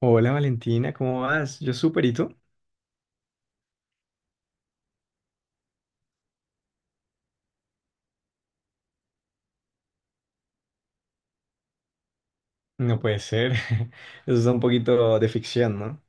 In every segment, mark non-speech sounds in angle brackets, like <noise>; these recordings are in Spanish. Hola Valentina, ¿cómo vas? Yo súper, ¿y tú? No puede ser. <laughs> Eso es un poquito de ficción, ¿no?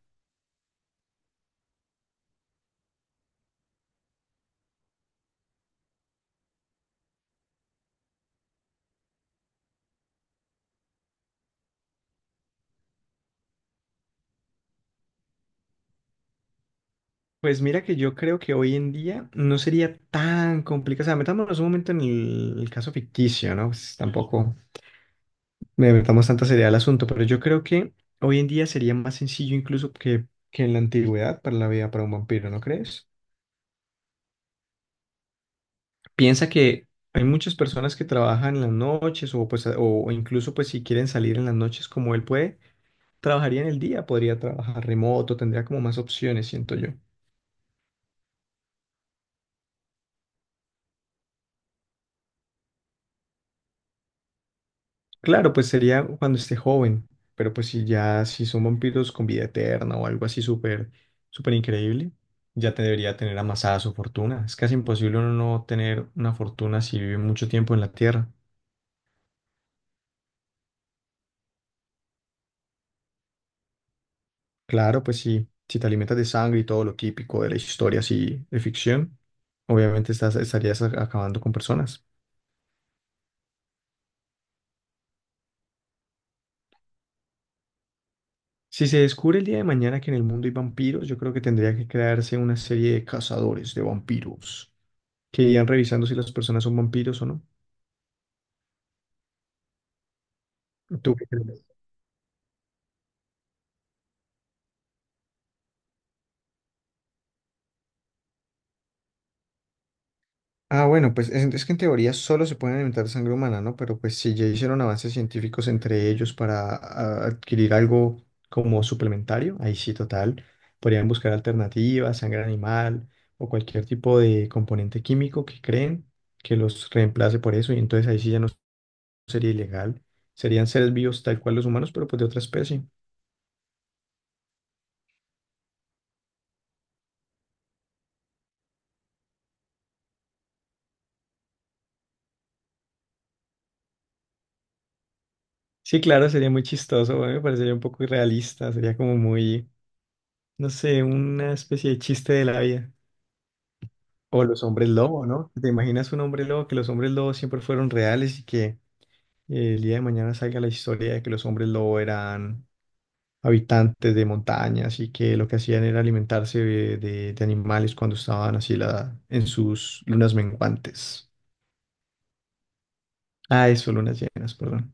Pues mira que yo creo que hoy en día no sería tan complicado. O sea, metámonos un momento en el caso ficticio, ¿no? Pues tampoco me metamos tanta seriedad al asunto, pero yo creo que hoy en día sería más sencillo incluso que en la antigüedad para la vida para un vampiro, ¿no crees? Piensa que hay muchas personas que trabajan en las noches o, pues, o incluso pues si quieren salir en las noches como él puede. Trabajaría en el día, podría trabajar remoto, tendría como más opciones, siento yo. Claro, pues sería cuando esté joven, pero pues si son vampiros con vida eterna o algo así súper, súper increíble, ya te debería tener amasada su fortuna. Es casi imposible uno no tener una fortuna si vive mucho tiempo en la Tierra. Claro, pues sí, si te alimentas de sangre y todo lo típico de la historia así de ficción, obviamente estarías acabando con personas. Si se descubre el día de mañana que en el mundo hay vampiros, yo creo que tendría que crearse una serie de cazadores de vampiros que irían revisando si las personas son vampiros o no. ¿Tú qué crees? Ah, bueno, pues es que en teoría solo se pueden alimentar de sangre humana, ¿no? Pero pues si ya hicieron avances científicos entre ellos para adquirir algo como suplementario, ahí sí, total. Podrían buscar alternativas, sangre animal o cualquier tipo de componente químico que creen que los reemplace por eso y entonces ahí sí ya no sería ilegal. Serían seres vivos tal cual los humanos, pero pues de otra especie. Sí, claro, sería muy chistoso, a mí me parecería un poco irrealista, sería como muy, no sé, una especie de chiste de la vida. O los hombres lobo, ¿no? ¿Te imaginas un hombre lobo, que los hombres lobos siempre fueron reales y que el día de mañana salga la historia de que los hombres lobo eran habitantes de montañas y que lo que hacían era alimentarse de, de animales cuando estaban así la, en sus lunas menguantes? Ah, eso, lunas llenas, perdón.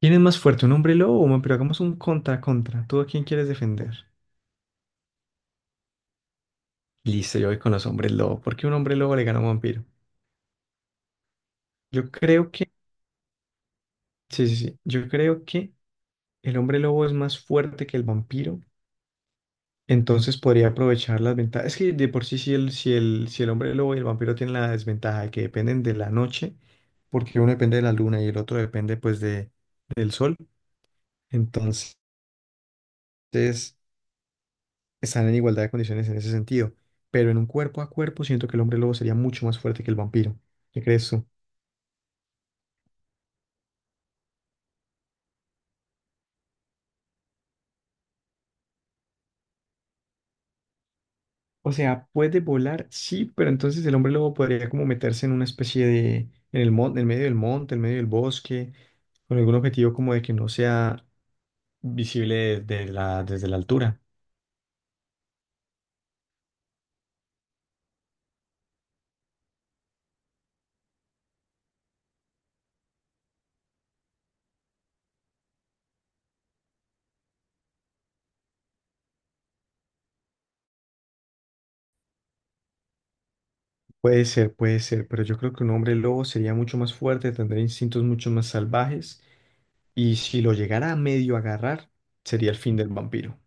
¿Quién es más fuerte, un hombre lobo o un hombre? Pero hagamos un contra. ¿Tú a quién quieres defender? Listo, yo voy con los hombres lobo. ¿Por qué un hombre lobo le gana a un vampiro? Yo creo que, sí, sí, sí. Yo creo que el hombre lobo es más fuerte que el vampiro. Entonces podría aprovechar las ventajas. Es que de por sí, si el, si el hombre lobo y el vampiro tienen la desventaja de que dependen de la noche, porque uno depende de la luna y el otro depende pues del sol. Entonces, están en igualdad de condiciones en ese sentido, pero en un cuerpo a cuerpo siento que el hombre lobo sería mucho más fuerte que el vampiro. ¿Qué crees tú? O sea, puede volar, sí, pero entonces el hombre lobo podría como meterse en una especie de, en el monte, en medio del monte, en medio del bosque, con algún objetivo como de que no sea visible desde la altura. Puede ser, pero yo creo que un hombre lobo sería mucho más fuerte, tendría instintos mucho más salvajes, y si lo llegara a medio agarrar, sería el fin del vampiro.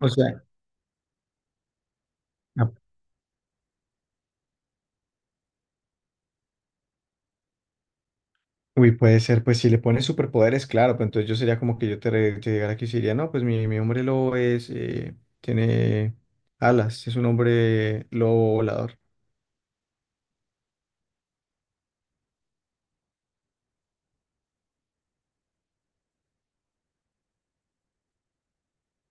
O sea, uy, puede ser, pues si le pones superpoderes, claro, pues entonces yo sería como que yo te llegara aquí y diría, no, pues mi hombre lobo es, tiene alas, es un hombre lobo volador.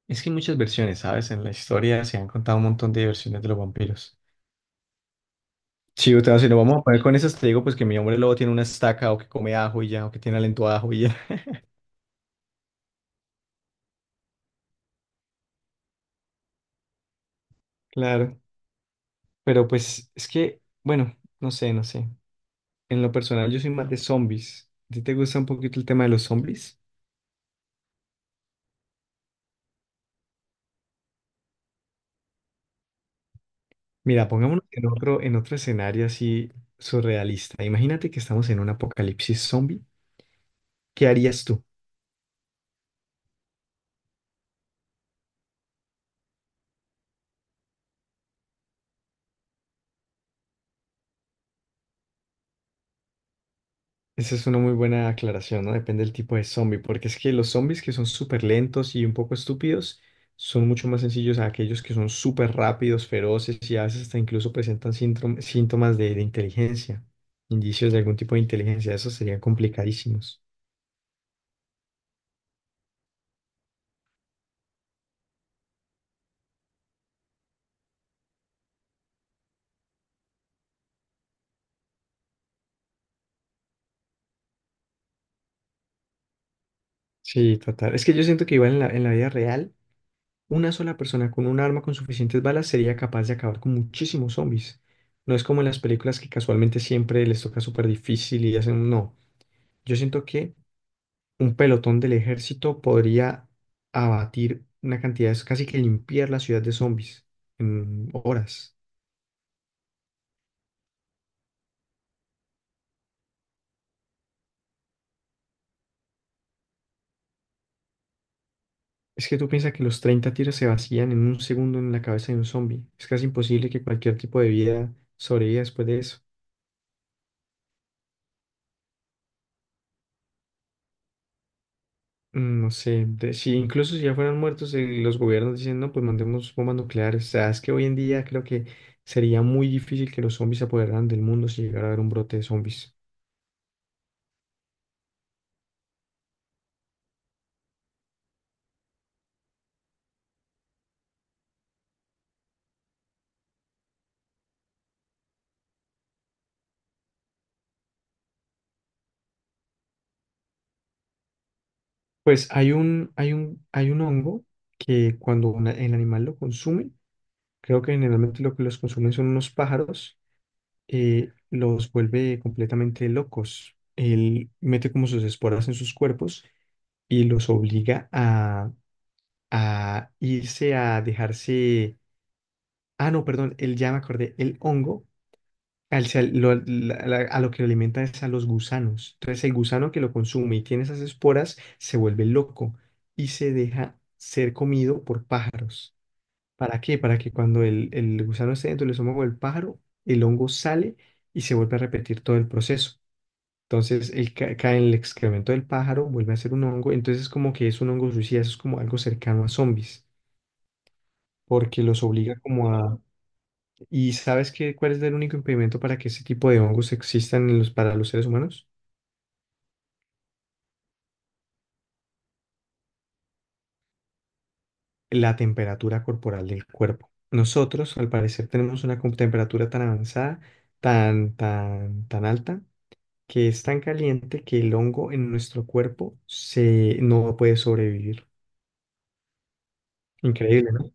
Es que hay muchas versiones, ¿sabes? En la historia se han contado un montón de versiones de los vampiros. Sí, o sea, si nos vamos a poner con esas, te digo pues que mi hombre lobo tiene una estaca o que come ajo y ya, o que tiene aliento a ajo y ya. <laughs> Claro, pero pues es que, bueno, no sé, no sé. En lo personal yo soy más de zombies. ¿A ti te gusta un poquito el tema de los zombies? Mira, pongámonos en otro escenario así surrealista. Imagínate que estamos en un apocalipsis zombie. ¿Qué harías tú? Esa es una muy buena aclaración, ¿no? Depende del tipo de zombie, porque es que los zombies que son súper lentos y un poco estúpidos son mucho más sencillos a aquellos que son súper rápidos, feroces y a veces hasta incluso presentan síntomas de inteligencia, indicios de algún tipo de inteligencia. Esos serían complicadísimos. Sí, total. Es que yo siento que igual en la vida real. Una sola persona con un arma con suficientes balas sería capaz de acabar con muchísimos zombies. No es como en las películas que casualmente siempre les toca súper difícil y hacen un no. Yo siento que un pelotón del ejército podría abatir una cantidad, es casi que limpiar la ciudad de zombies en horas. Es que tú piensas que los 30 tiros se vacían en un segundo en la cabeza de un zombie. Es casi imposible que cualquier tipo de vida sobreviva después de eso. Mm, no sé, de- si incluso si ya fueran muertos, los gobiernos dicen, no, pues mandemos bombas nucleares. O sea, es que hoy en día creo que sería muy difícil que los zombies se apoderaran del mundo si llegara a haber un brote de zombies. Pues hay un, hay un hongo que cuando el animal lo consume, creo que generalmente lo que los consumen son unos pájaros, los vuelve completamente locos. Él mete como sus esporas en sus cuerpos y los obliga a irse a dejarse. Ah, no, perdón, el ya me acordé, el hongo, a lo que lo alimenta es a los gusanos. Entonces el gusano que lo consume y tiene esas esporas se vuelve loco y se deja ser comido por pájaros. ¿Para qué? Para que cuando el gusano esté dentro del estómago del pájaro, el hongo sale y se vuelve a repetir todo el proceso. Entonces el, cae en el excremento del pájaro, vuelve a ser un hongo, entonces como que es un hongo suicida, eso es como algo cercano a zombies, porque los obliga como a... ¿Y sabes qué, cuál es el único impedimento para que ese tipo de hongos existan en los, para los seres humanos? La temperatura corporal del cuerpo. Nosotros, al parecer, tenemos una temperatura tan avanzada, tan, tan, tan alta, que es tan caliente que el hongo en nuestro cuerpo no puede sobrevivir. Increíble, ¿no?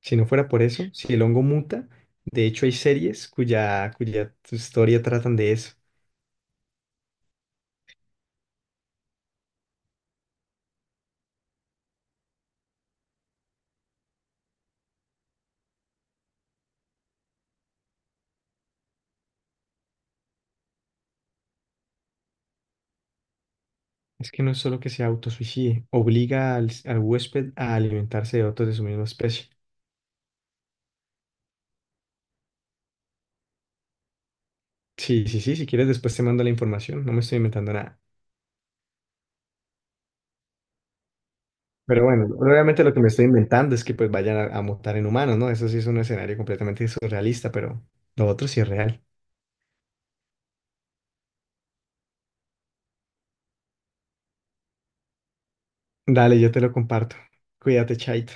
Si no fuera por eso, si el hongo muta, de hecho hay series cuya, cuya historia tratan de eso. Es que no es solo que se autosuicide, obliga al huésped a alimentarse de otros de su misma especie. Sí, sí, sí, si quieres después te mando la información, no me estoy inventando nada. Pero bueno, obviamente lo que me estoy inventando es que pues vayan a mutar en humanos, ¿no? Eso sí es un escenario completamente surrealista, pero lo otro sí es real. Dale, yo te lo comparto. Cuídate, Chaito.